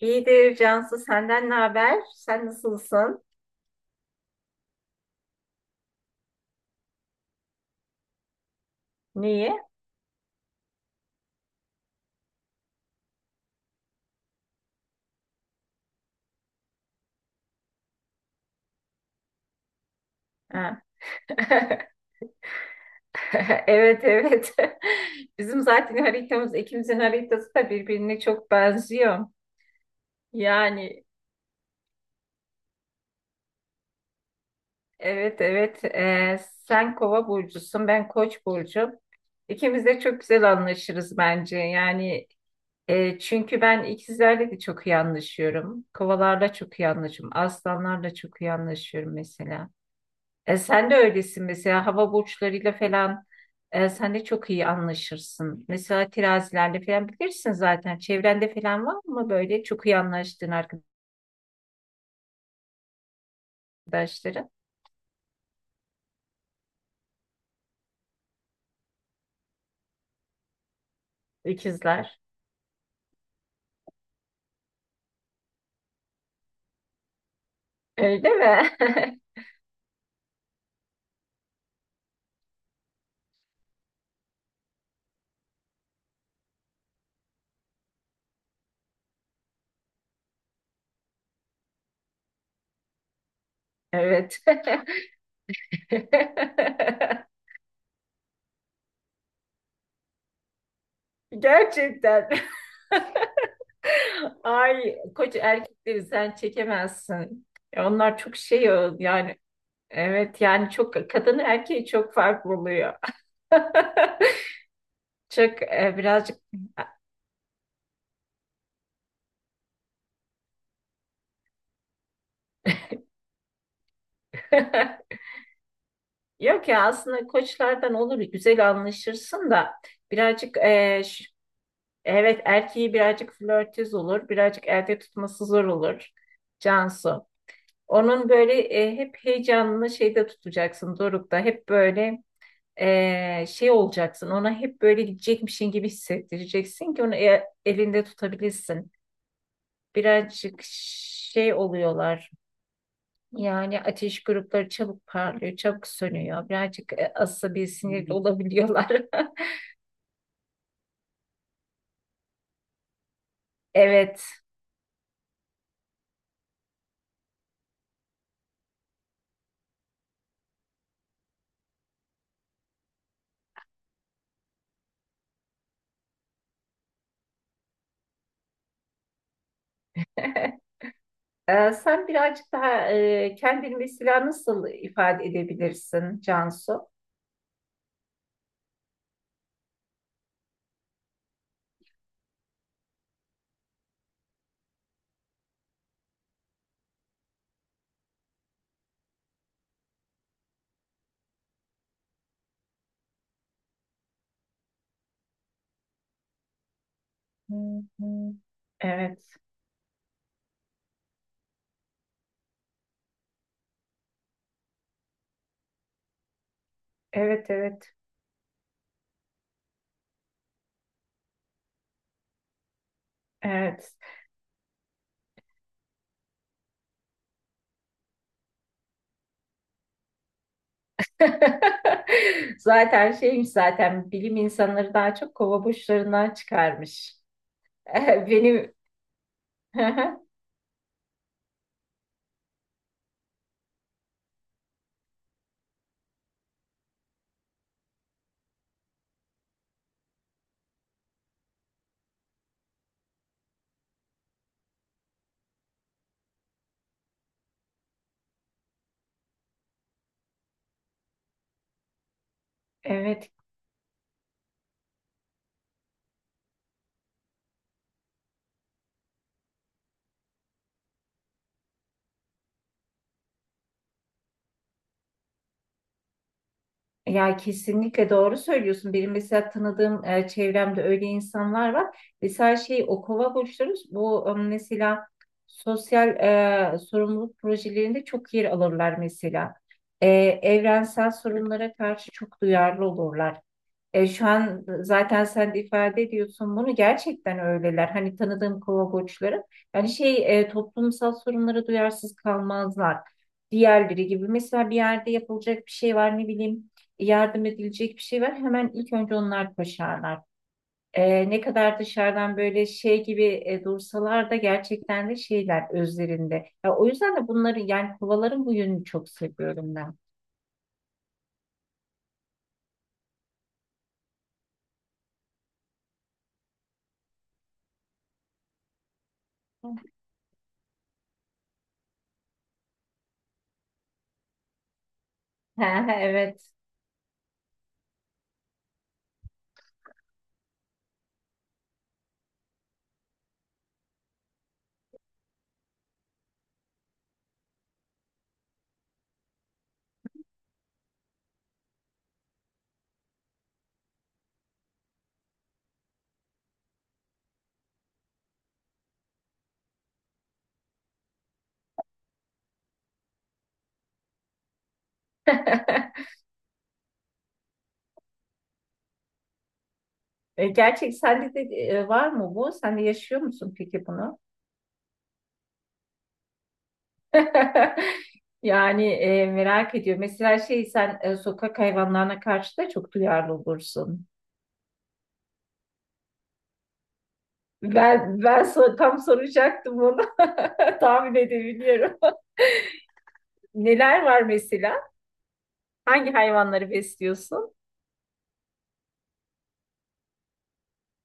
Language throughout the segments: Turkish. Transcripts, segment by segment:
İyidir Cansu, senden ne haber? Sen nasılsın? Neyi? Ha. Evet evet. Bizim zaten haritamız, ikimizin haritası da birbirine çok benziyor. Yani evet evet. Sen Kova burcusun, ben Koç burcum. İkimiz de çok güzel anlaşırız bence. Yani çünkü ben ikizlerle de çok iyi anlaşıyorum. Kovalarla çok iyi anlaşıyorum. Aslanlarla çok iyi anlaşıyorum mesela. Sen de öylesin mesela hava burçlarıyla falan sen de çok iyi anlaşırsın. Mesela terazilerle falan bilirsin zaten. Çevrende falan var mı böyle çok iyi anlaştığın arkadaşların? İkizler. Öyle mi? Evet. Gerçekten. Ay koç erkekleri sen çekemezsin. Ya onlar çok şey yani evet yani çok kadını erkeği çok farklı oluyor. Çok birazcık yok ya aslında koçlardan olur güzel anlaşırsın da birazcık evet erkeği birazcık flörtöz olur birazcık elde tutması zor olur Cansu. Onun böyle hep heyecanını şeyde tutacaksın Doruk'ta hep böyle şey olacaksın ona hep böyle gidecekmişin gibi hissettireceksin ki onu elinde tutabilirsin. Birazcık şey oluyorlar. Yani ateş grupları çabuk parlıyor, çabuk sönüyor. Birazcık asabi sinirli olabiliyorlar. Evet. Sen birazcık daha kendini mesela nasıl ifade edebilirsin Cansu? Hı hı. Evet, evet, evet, evet. Zaten şeymiş, zaten bilim insanları daha çok kova burçlarından çıkarmış. Benim evet ya kesinlikle doğru söylüyorsun. Benim mesela tanıdığım çevremde öyle insanlar var. Mesela şey o kova burçları bu mesela sosyal sorumluluk projelerinde çok yer alırlar mesela. E, evrensel sorunlara karşı çok duyarlı olurlar. Şu an zaten sen de ifade ediyorsun bunu, gerçekten öyleler. Hani tanıdığım kova, yani şey toplumsal sorunlara duyarsız kalmazlar. Diğerleri gibi mesela bir yerde yapılacak bir şey var, ne bileyim yardım edilecek bir şey var, hemen ilk önce onlar koşarlar. Ne kadar dışarıdan böyle şey gibi dursalar da gerçekten de şeyler özlerinde. Ya, o yüzden de bunları, yani kovaların bu yönünü çok seviyorum ben. Ha, evet. Gerçek sende de var mı bu? Sen de yaşıyor musun peki bunu? Yani merak ediyorum. Mesela şey sen sokak hayvanlarına karşı da çok duyarlı olursun. Ben tam soracaktım onu. Tahmin edebiliyorum. Neler var mesela? Hangi hayvanları besliyorsun?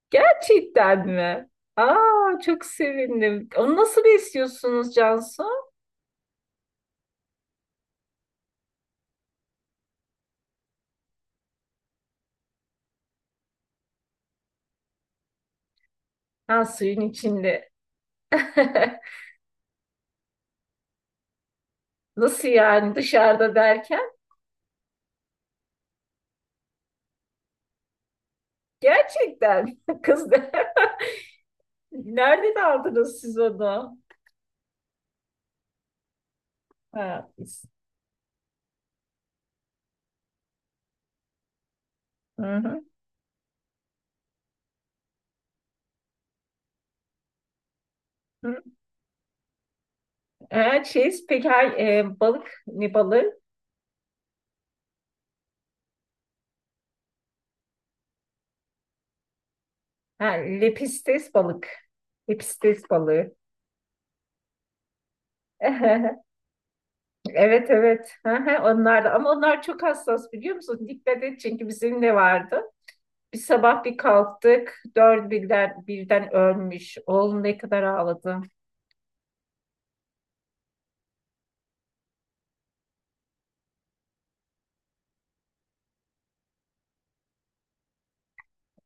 Gerçekten mi? Aa, çok sevindim. Onu nasıl besliyorsunuz Cansu? Ha, suyun içinde. Nasıl yani, dışarıda derken? Gerçekten kız nereden aldınız siz onu? Ha, hı hı. Hı. Ha, şey, peki ha, balık ne balığı? Ha, lepistes balık. Lepistes balığı. Evet evet. Hı hı, onlar da, ama onlar çok hassas biliyor musun? Dikkat et çünkü bizim de vardı. Bir sabah bir kalktık. Dört birden, birden ölmüş. Oğlum ne kadar ağladı.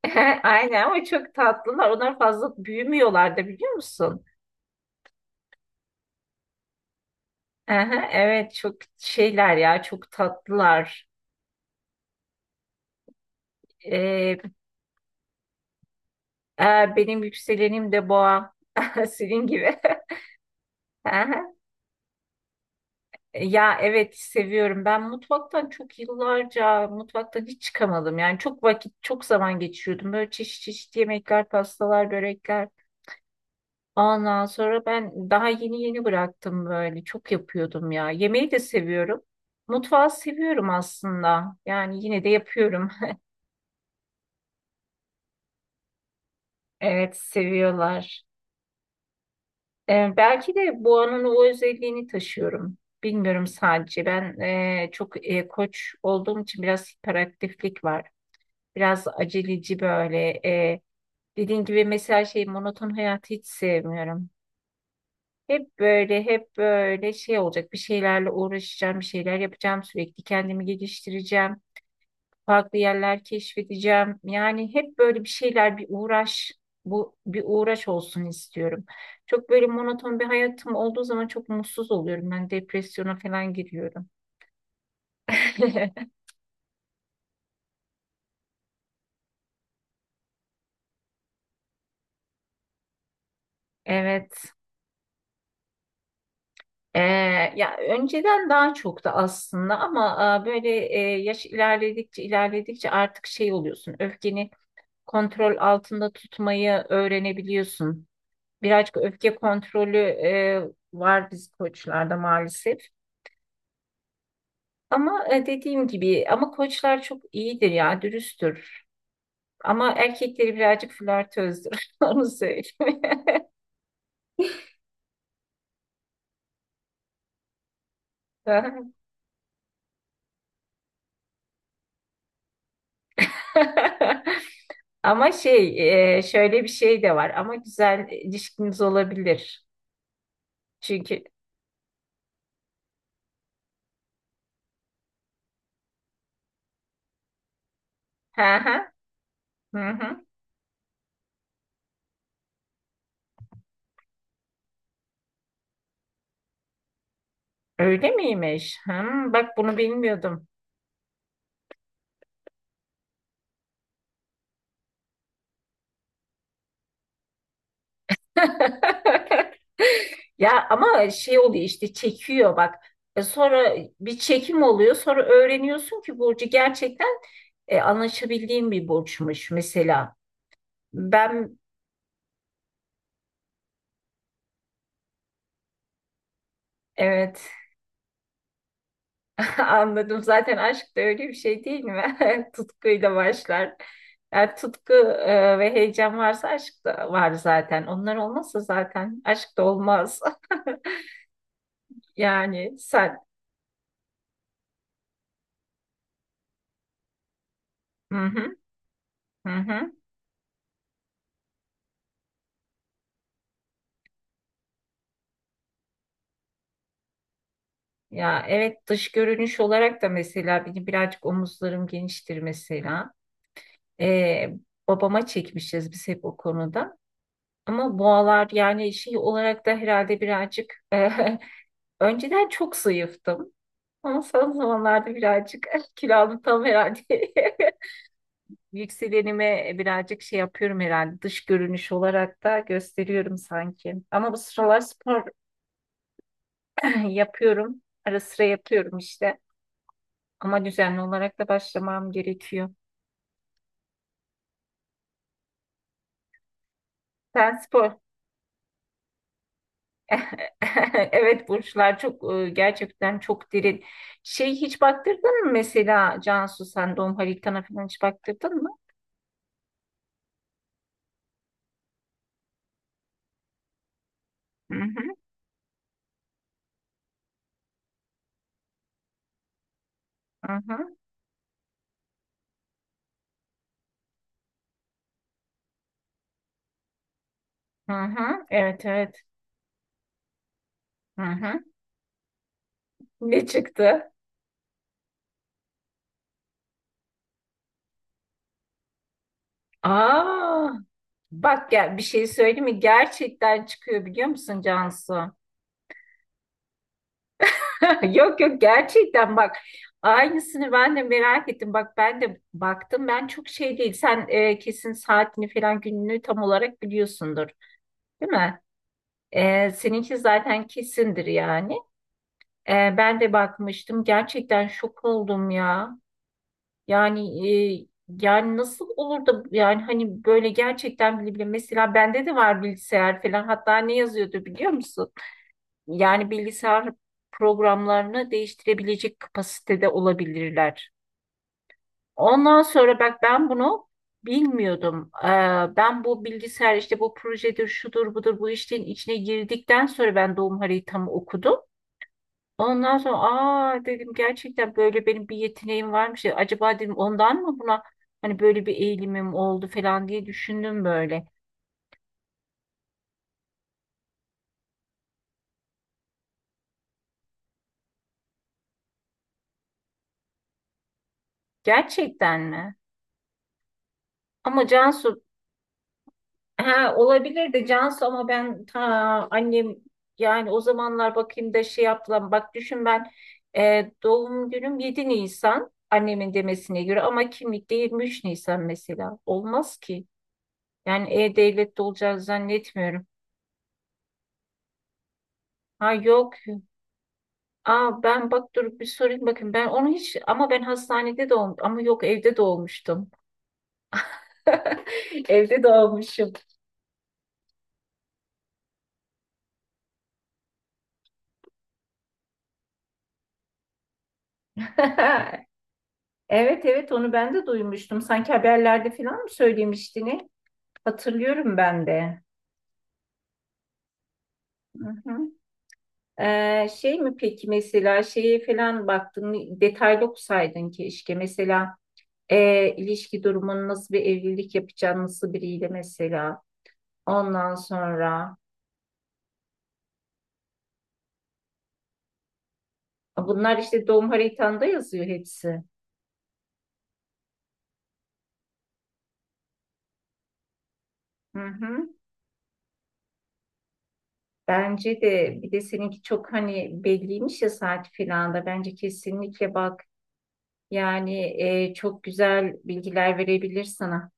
Aynen, ama çok tatlılar. Onlar fazla büyümüyorlar da biliyor musun? Aha, evet çok şeyler ya, çok tatlılar. Ee, benim yükselenim de boğa. Senin gibi. Aha. Ya evet, seviyorum. Ben mutfaktan, çok yıllarca mutfaktan hiç çıkamadım. Yani çok vakit, çok zaman geçiriyordum. Böyle çeşit çeşit yemekler, pastalar, börekler. Ondan sonra ben daha yeni yeni bıraktım böyle. Çok yapıyordum ya. Yemeği de seviyorum. Mutfağı seviyorum aslında. Yani yine de yapıyorum. Evet, seviyorlar. Belki de Boğa'nın o özelliğini taşıyorum. Bilmiyorum sadece. Ben çok koç olduğum için biraz hiperaktiflik var. Biraz aceleci böyle. E, dediğin gibi mesela şey monoton hayatı hiç sevmiyorum. Hep böyle şey olacak. Bir şeylerle uğraşacağım, bir şeyler yapacağım sürekli. Kendimi geliştireceğim, farklı yerler keşfedeceğim. Yani hep böyle bir şeyler, bir uğraş, bu bir uğraş olsun istiyorum. Çok böyle monoton bir hayatım olduğu zaman çok mutsuz oluyorum. Ben depresyona falan giriyorum. Evet. Ee, ya önceden daha çok da aslında, ama böyle yaş ilerledikçe ilerledikçe artık şey oluyorsun. Öfkeni kontrol altında tutmayı öğrenebiliyorsun. Birazcık öfke kontrolü var biz koçlarda maalesef. Ama dediğim gibi, ama koçlar çok iyidir ya, dürüsttür. Ama erkekleri birazcık flörtözdür. Onu söyleyeyim. Ama şey şöyle bir şey de var. Ama güzel ilişkiniz olabilir. Çünkü hı hı hı, hı. Öyle miymiş? Hmm, bak bunu bilmiyordum. Ya ama şey oluyor işte, çekiyor bak. Sonra bir çekim oluyor. Sonra öğreniyorsun ki burcu gerçekten anlaşabildiğim bir burçmuş mesela. Ben evet, anladım. Zaten aşk da öyle bir şey değil mi? Tutkuyla başlar. Yani tutku ve heyecan varsa aşk da var zaten. Onlar olmazsa zaten aşk da olmaz. Yani sen. Hı hı, hı hı. Ya evet, dış görünüş olarak da mesela benim birazcık omuzlarım geniştir mesela. Ee, babama çekmişiz biz hep o konuda. Ama boğalar yani şey olarak da herhalde birazcık önceden çok zayıftım. Ama son zamanlarda birazcık kilo aldım tam herhalde. Yükselenime birazcık şey yapıyorum herhalde, dış görünüş olarak da gösteriyorum sanki. Ama bu sıralar spor yapıyorum. Ara sıra yapıyorum işte. Ama düzenli olarak da başlamam gerekiyor. Sen spor. Evet, burçlar çok gerçekten çok derin. Şey hiç baktırdın mı mesela Cansu, sen doğum haritana falan hiç baktırdın mı? Hı hı hı hı, hı hı. Evet evet. Hı hı. Ne çıktı? Aa, bak gel bir şey söyleyeyim mi? Gerçekten çıkıyor biliyor musun Cansu? Yok yok, gerçekten bak, aynısını ben de merak ettim. Bak ben de baktım, ben çok şey değil. Sen kesin saatini falan gününü tam olarak biliyorsundur değil mi? Seninki zaten kesindir yani. Ben de bakmıştım, gerçekten şok oldum ya. Yani e, yani nasıl olur da, yani hani böyle gerçekten bile bile mesela bende de var bilgisayar falan, hatta ne yazıyordu biliyor musun? Yani bilgisayar programlarını değiştirebilecek kapasitede olabilirler. Ondan sonra bak ben bunu bilmiyordum. Ben bu bilgisayar işte bu projedir, şudur, budur, bu işlerin içine girdikten sonra ben doğum haritamı okudum. Ondan sonra aa dedim, gerçekten böyle benim bir yeteneğim varmış ya. Acaba dedim ondan mı buna hani böyle bir eğilimim oldu falan diye düşündüm böyle. Gerçekten mi? Ama Cansu, ha, olabilir de Cansu, ama ben ta annem, yani o zamanlar bakayım da şey yaptılar. Bak düşün, ben doğum günüm 7 Nisan annemin demesine göre, ama kimlikte 23 Nisan mesela. Olmaz ki. Yani E-Devlet'te olacağını zannetmiyorum. Ha yok. Aa, ben bak dur bir sorayım, bakın ben onu hiç, ama ben hastanede doğum, ama yok evde doğmuştum. Evde doğmuşum. Evet evet, onu ben de duymuştum. Sanki haberlerde falan mı söylemiştin? Hatırlıyorum ben de. Hı hı. Şey mi peki mesela, şeye falan baktın, detaylı okusaydın keşke mesela ilişki durumun, nasıl bir evlilik yapacağın, nasıl biriyle mesela, ondan sonra, bunlar işte doğum haritanda yazıyor hepsi. Hı hı. Bence de, bir de seninki çok hani belliymiş ya, saat falan da bence kesinlikle bak yani çok güzel bilgiler verebilir sana.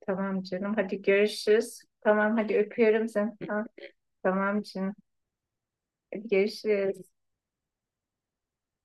Tamam canım. Hadi görüşürüz. Tamam hadi, öpüyorum seni. Ha, tamam canım. Hadi görüşürüz.